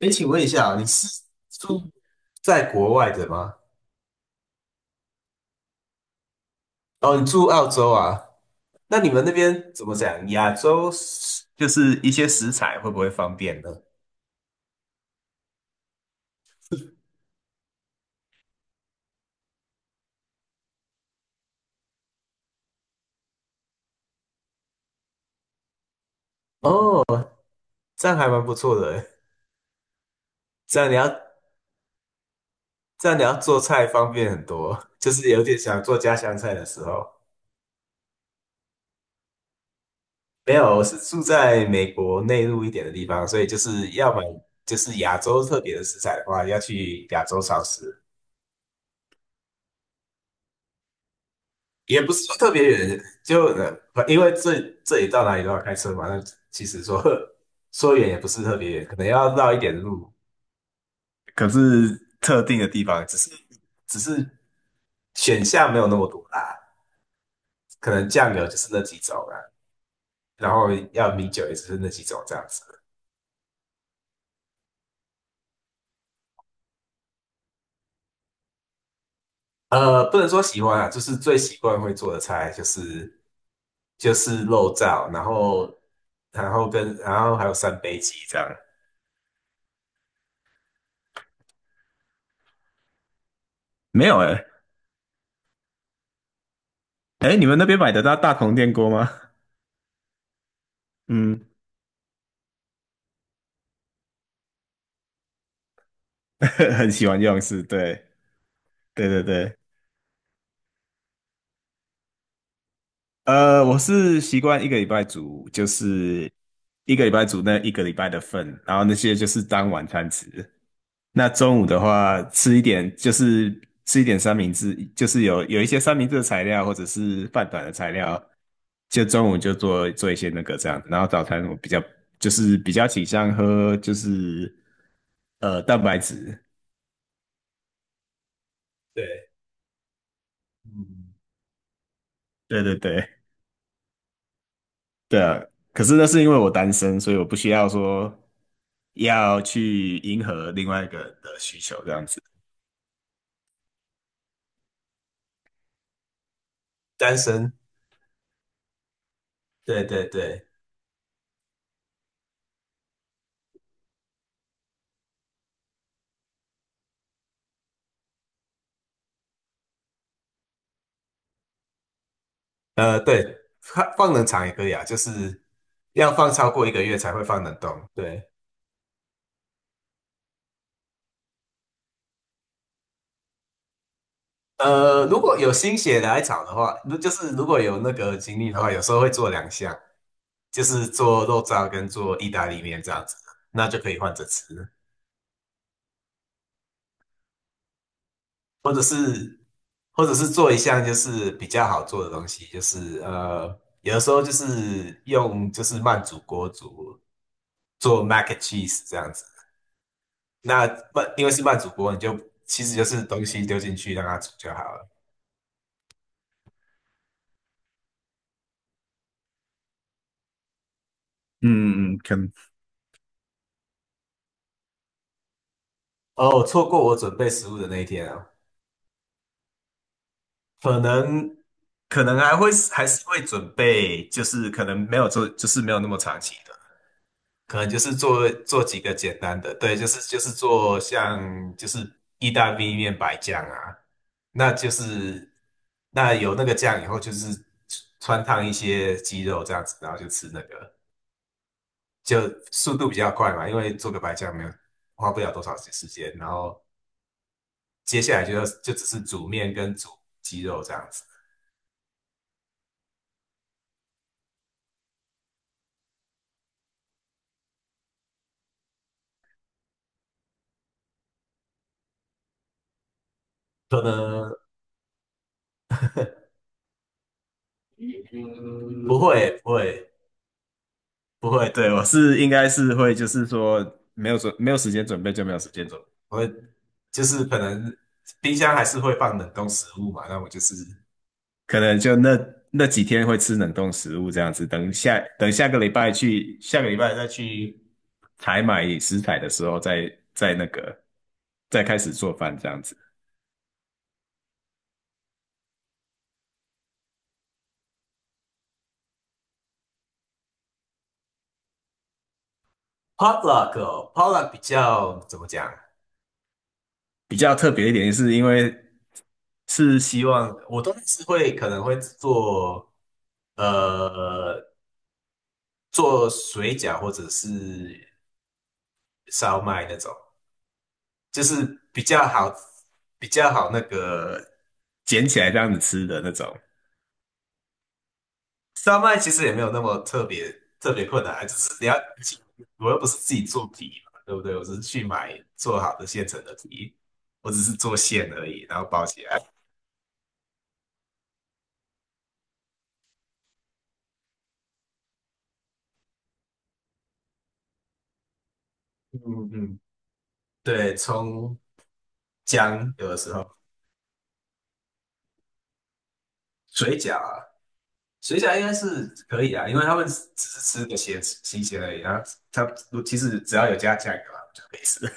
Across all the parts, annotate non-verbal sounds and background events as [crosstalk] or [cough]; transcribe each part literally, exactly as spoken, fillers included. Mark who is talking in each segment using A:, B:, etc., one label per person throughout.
A: 哎，请问一下啊，你是住在国外的吗？哦，你住澳洲啊？那你们那边怎么讲？亚洲食就是一些食材会不会方便呢？哦，这样还蛮不错的欸。这样你要这样你要做菜方便很多，就是有点想做家乡菜的时候。没有，我是住在美国内陆一点的地方，所以就是要买就是亚洲特别的食材的话，要去亚洲超市。也不是说特别远，就呃，因为这这里到哪里都要开车嘛，那其实说 [laughs] 说远也不是特别远，可能要绕一点路，可是特定的地方，只是只是选项没有那么多啦，可能酱油就是那几种啦，然后要米酒也只是那几种这样子。呃，不能说喜欢啊，就是最习惯会做的菜就是就是肉燥，然后然后跟然后还有三杯鸡这样。没有哎、欸，哎，你们那边买得到大同电锅吗？嗯。[laughs] 很喜欢用是，对，对对对，呃，我是习惯一个礼拜煮，就是一个礼拜煮那一个礼拜的份，然后那些就是当晚餐吃。那中午的话，吃一点就是吃一点三明治，就是有有一些三明治的材料或者是饭团的材料，就中午就做做一些那个这样子然后早餐我比较就是比较倾向喝就是呃蛋白质，对，嗯，对对对。对啊，可是那是因为我单身，所以我不需要说要去迎合另外一个人的需求这样子。单身，对对对，呃，对，放放冷藏也可以啊，就是要放超过一个月才会放冷冻。对，呃，如果有心血来潮的话，如就是如果有那个精力的话，有时候会做两项，就是做肉燥跟做意大利面这样子，那就可以换着吃。或者是或者是做一项就是比较好做的东西，就是呃，有的时候就是用就是慢煮锅煮做 mac and cheese 这样子。那慢因为是慢煮锅，你就其实就是东西丢进去让它煮就好了。哦，错过我准备食物的那一天啊，可能可能还会还是会准备，就是可能没有做，就是没有那么长期的。可能就是做做几个简单的，对，就是就是做像就是意大利面白酱啊，那就是那有那个酱以后，就是穿烫一些鸡肉这样子，然后就吃那个，就速度比较快嘛，因为做个白酱没有花不了多少时间，然后接下来就要就只是煮面跟煮鸡肉这样子，可能嗯不会不会，不会，对，我是应该是会，就是说没有准没有时间准备就没有时间准备，我会就是可能冰箱还是会放冷冻食物嘛，那我就是可能就那那几天会吃冷冻食物这样子，等下等下个礼拜去下个礼拜再去采买食材的时候再再那个再开始做饭这样子。potluck p o t l u c k 比较怎么讲？比较特别一点，是因为是希望我都是会可能会做呃做水饺或者是烧麦那种，就是比较好比较好那个捡起来这样子吃的那种。烧麦其实也没有那么特别特别困难啊，只是你要我又不是自己做皮嘛，对不对？我只是去买做好的现成的皮，我只是做馅而已，然后包起来。嗯嗯，对，葱姜有的时候水饺啊。水饺应该是可以啊，因为他们只是吃个咸新鲜而已然啊。它其实只要有加酱油啊，就可以吃。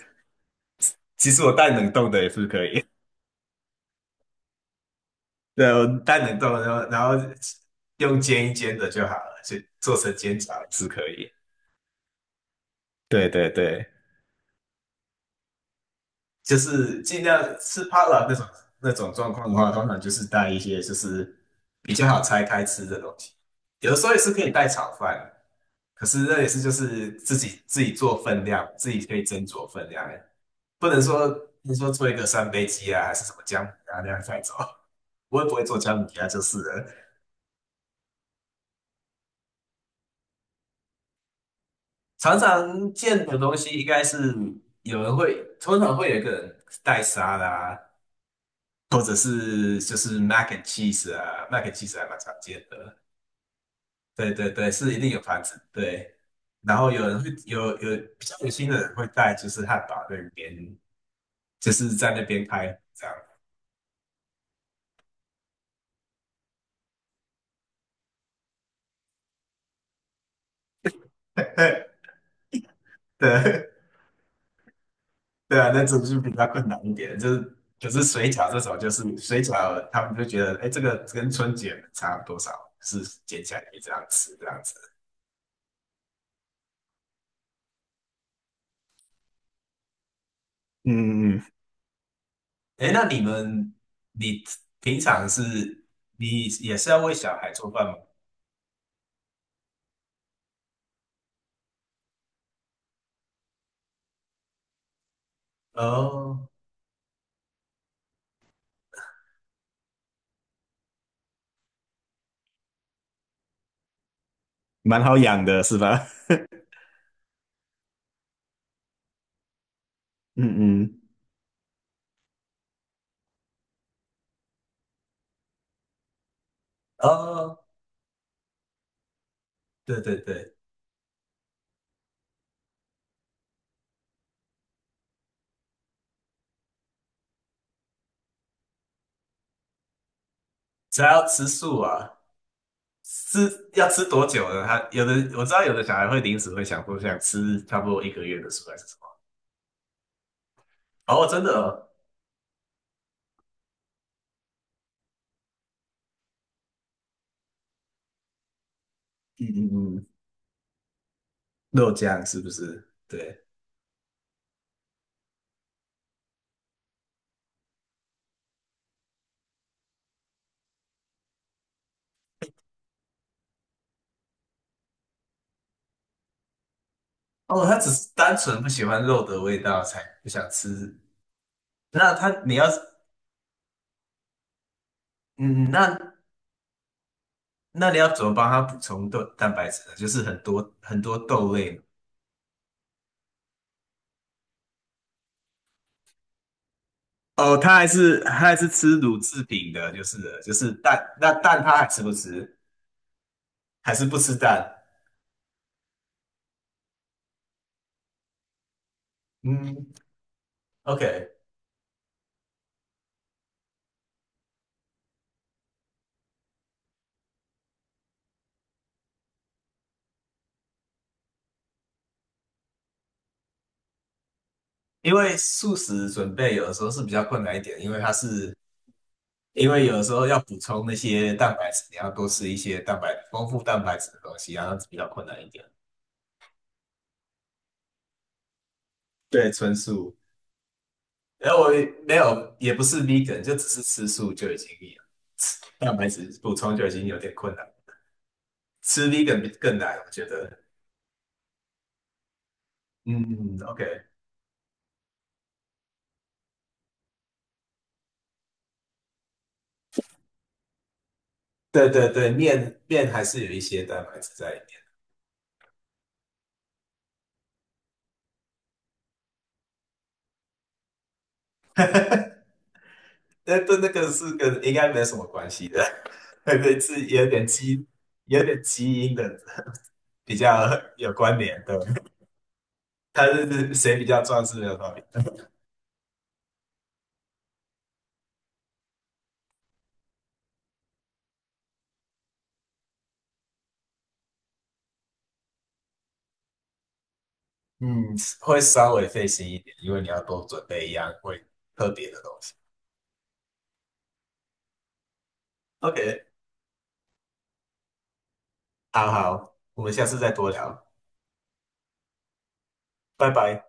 A: [laughs] 其实我蛋冷冻的也是可以，对，我蛋冷冻的，然后然后用煎一煎的就好了，就做成煎饺也是可以。对对对，就是尽量吃怕了那种那种状况的话，通常就是带一些就是比较好拆开吃的东西。有的时候也是可以带炒饭，可是那也是就是自己自己做分量，自己可以斟酌分量，不能说你说做一个三杯鸡啊，还是什么姜母鸭那样带走。[laughs] 我也不会做姜母鸭就是了。常常见的东西应该是有人会，通常会有一个人带沙拉。或者是就是 mac and cheese 啊，mac and cheese 还蛮常见的。对对对，是一定有盘子。对，然后有人会有有比较有心的人会带，就是汉堡那边，就是在那边拍这样。[laughs] 对对啊，那种就比较困难一点。就是可是水饺这种，就是水饺，他们就觉得，哎，这个跟春卷差多少，是捡起来可以这样吃这样子。嗯嗯。哎，那你们，你平常是，你也是要为小孩做饭吗？哦，蛮好养的是吧？[laughs] 嗯嗯，哦，对对对，只要吃素啊，吃要吃多久呢？他有的我知道，有的小孩会临时会想说想吃差不多一个月的素还是什么？哦，真的哦，嗯嗯嗯，肉酱是不是？对，哦，他只是单纯不喜欢肉的味道才不想吃。那他你要，嗯，那那你要怎么帮他补充豆蛋白质呢？就是很多很多豆类哦，他还是他还是吃乳制品的，就是了就是蛋，那蛋他还吃不吃？还是不吃蛋？嗯，OK，因为素食准备有的时候是比较困难一点，因为它是因为有的时候要补充那些蛋白质，你要多吃一些蛋白丰富蛋白质的东西，然后比较困难一点。对，纯素，然后我没有也不是 vegan，就只是吃素就已经。蛋白质补充就已经有点困难。吃 v e g 更难，我觉得。嗯，OK，对对对，面面还是有一些蛋白质在里面，[laughs] 但但那个是跟应该没有什么关系的，[laughs] 对，是有点基有点基因的比较有关联的，[laughs] 他是谁比较壮是没有道理的。嗯，会稍微费心一点，因为你要多准备一样会特别的东西。OK，好好，我们下次再多聊，拜拜。